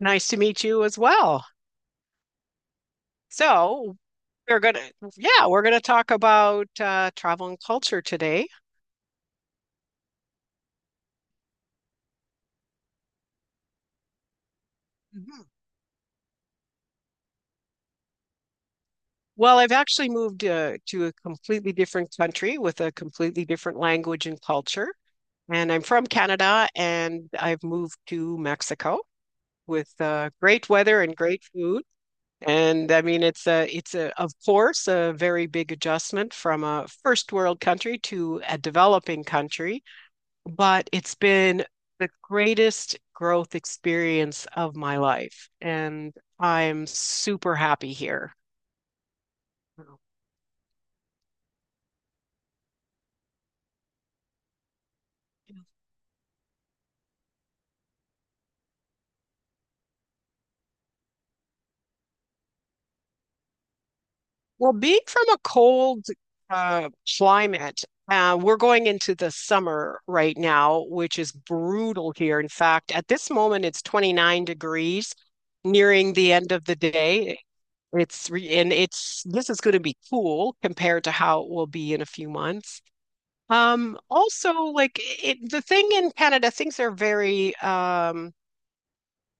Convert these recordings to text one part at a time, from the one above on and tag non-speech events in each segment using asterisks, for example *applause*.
Nice to meet you as well. So, we're gonna, yeah, we're gonna talk about travel and culture today. Mhm. Well, I've actually moved to a completely different country with a completely different language and culture. And I'm from Canada and I've moved to Mexico with great weather and great food. And I mean, it's a, of course, a very big adjustment from a first world country to a developing country, but it's been the greatest growth experience of my life, and I'm super happy here. Well, being from a cold uh, climate, we're going into the summer right now, which is brutal here. In fact, at this moment, it's 29 degrees, nearing the end of the day. It's re and it's This is going to be cool compared to how it will be in a few months. Also, the thing in Canada, things are very,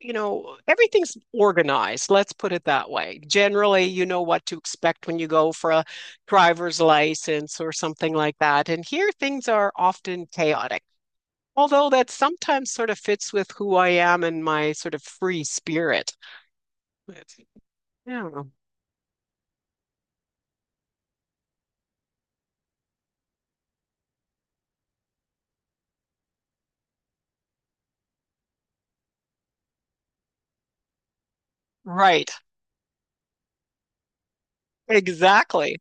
you know, everything's organized. Let's put it that way. Generally, you know what to expect when you go for a driver's license or something like that. And here, things are often chaotic, although that sometimes sort of fits with who I am and my sort of free spirit. But, yeah, right. Exactly.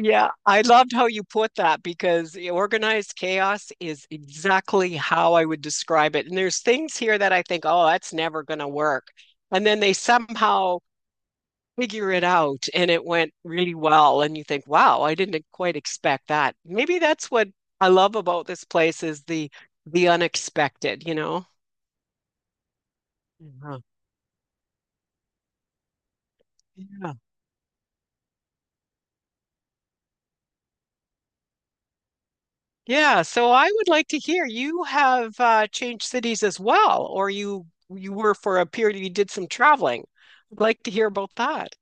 Yeah, I loved how you put that because the organized chaos is exactly how I would describe it. And there's things here that I think, oh, that's never going to work. And then they somehow figure it out and it went really well. And you think, wow, I didn't quite expect that. Maybe that's what I love about this place is the unexpected, you know? Yeah. Yeah, so I would like to hear, you have changed cities as well, or you were for a period, you did some traveling. I'd like to hear about that.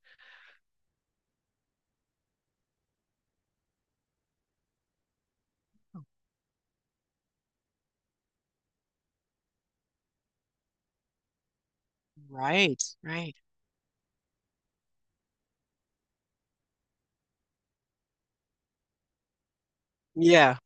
Right, right. Yeah.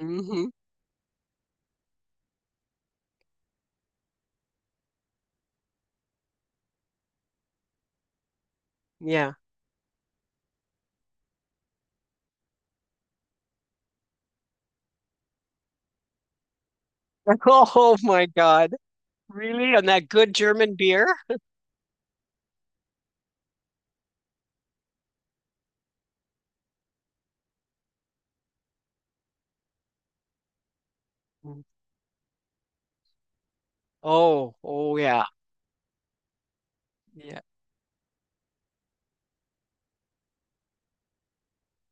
Hmm. Yeah. *laughs* Oh my God. Really? And that good German beer? Mm. Oh, oh yeah. Yeah.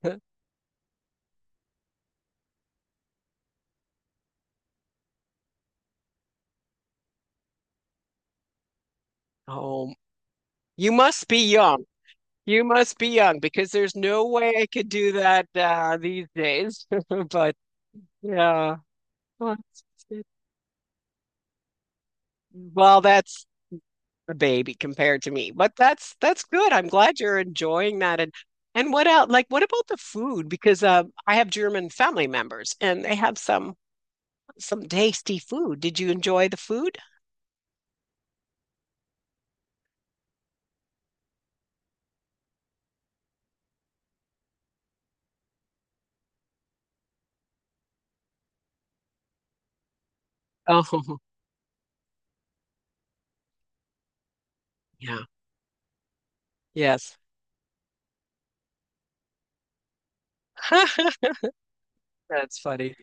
*laughs* Oh, you must be young. You must be young because there's no way I could do that these days. *laughs* But yeah. Well, that's a baby compared to me. But that's good. I'm glad you're enjoying that. And what else? Like, what about the food? Because I have German family members, and they have some tasty food. Did you enjoy the food? Oh, *laughs* yeah. Yes. *laughs* That's funny.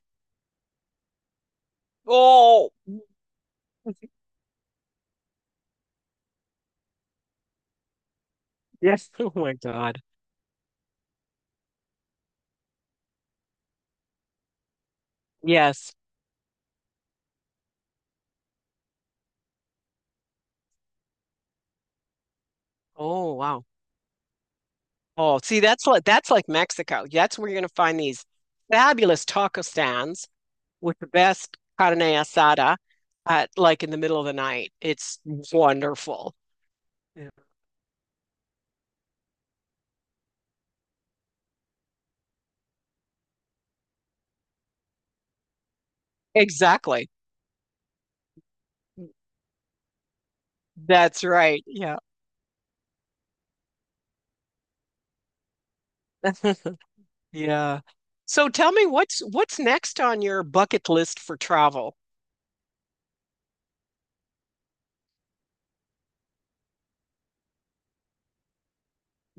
Oh, yes. *laughs* Oh my God. Yes. Oh, wow. Oh, see, that's like Mexico. That's where you're going to find these fabulous taco stands with the best carne asada at, like, in the middle of the night. It's wonderful. Yeah. Exactly. That's right. Yeah. *laughs* Yeah. So tell me, what's next on your bucket list for travel?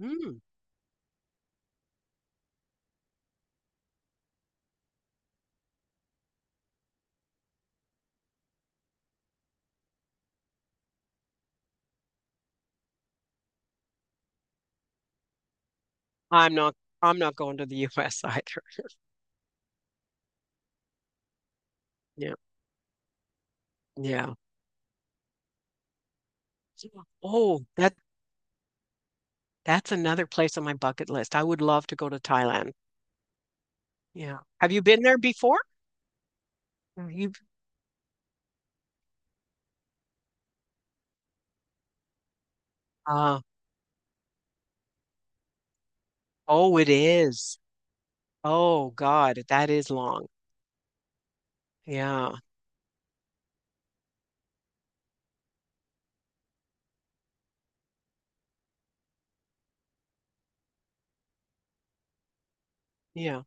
Mm. I'm not I'm not going to the *laughs* US either. Yeah. Yeah. Oh, that's another place on my bucket list. I would love to go to Thailand. Yeah. Have you been there before? You've uh, oh, it is. Oh God, that is long. Yeah. Yeah.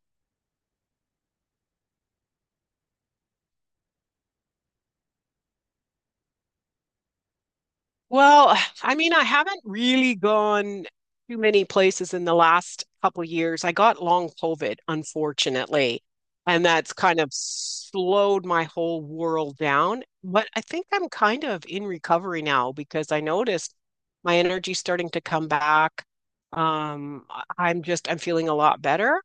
Well, *sighs* I mean, I haven't really gone too many places in the last couple of years. I got long COVID, unfortunately, and that's kind of slowed my whole world down. But I think I'm kind of in recovery now because I noticed my energy starting to come back. I'm just I'm feeling a lot better.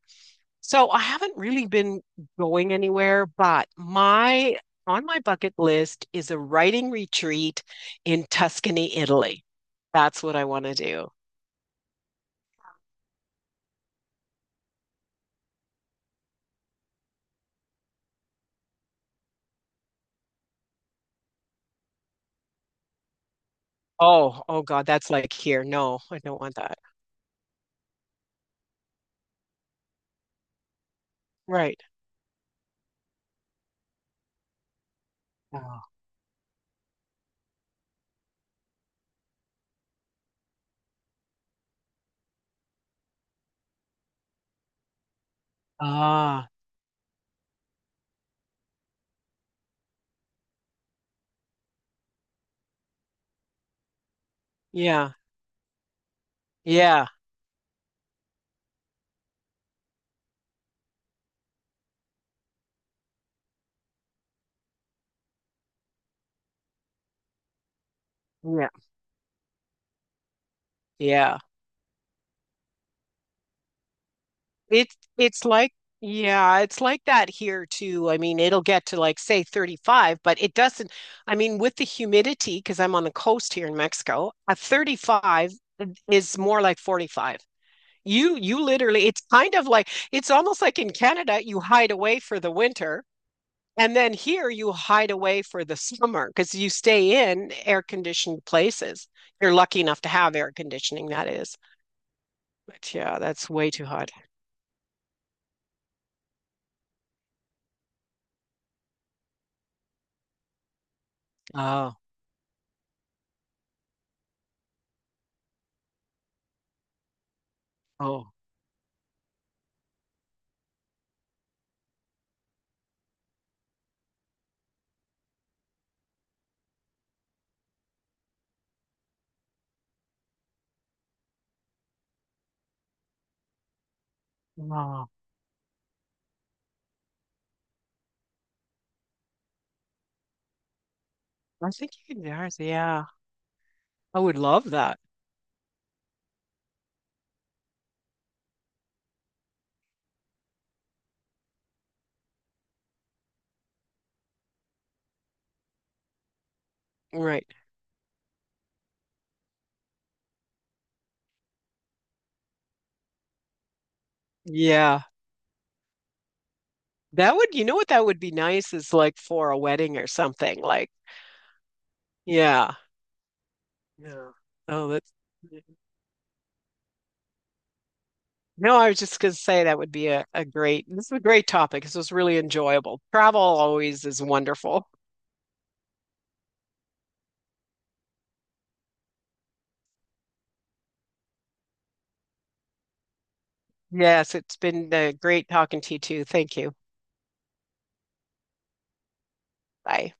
So I haven't really been going anywhere, but my on my bucket list is a writing retreat in Tuscany, Italy. That's what I want to do. Oh, oh God, that's like here. No, I don't want that. Right. Oh. Ah, yeah, yeah, yeah, yeah. It's like Yeah, it's like that here too. I mean, it'll get to like say 35, but it doesn't. I mean, with the humidity, because I'm on the coast here in Mexico, a 35 is more like 45. You literally, it's kind of like it's almost like in Canada, you hide away for the winter, and then here you hide away for the summer because you stay in air conditioned places. You're lucky enough to have air conditioning, that is. But yeah, that's way too hot. Oh, oh. Oh. I think you can do ours, yeah, I would love that. Right. Yeah. That would, you know what, that would be nice, is like for a wedding or something. Like, yeah. Yeah. Oh, that's, no, I was just going to say that would be a great, this is a great topic. This was really enjoyable. Travel always is wonderful. Yes, it's been great talking to you too. Thank you. Bye.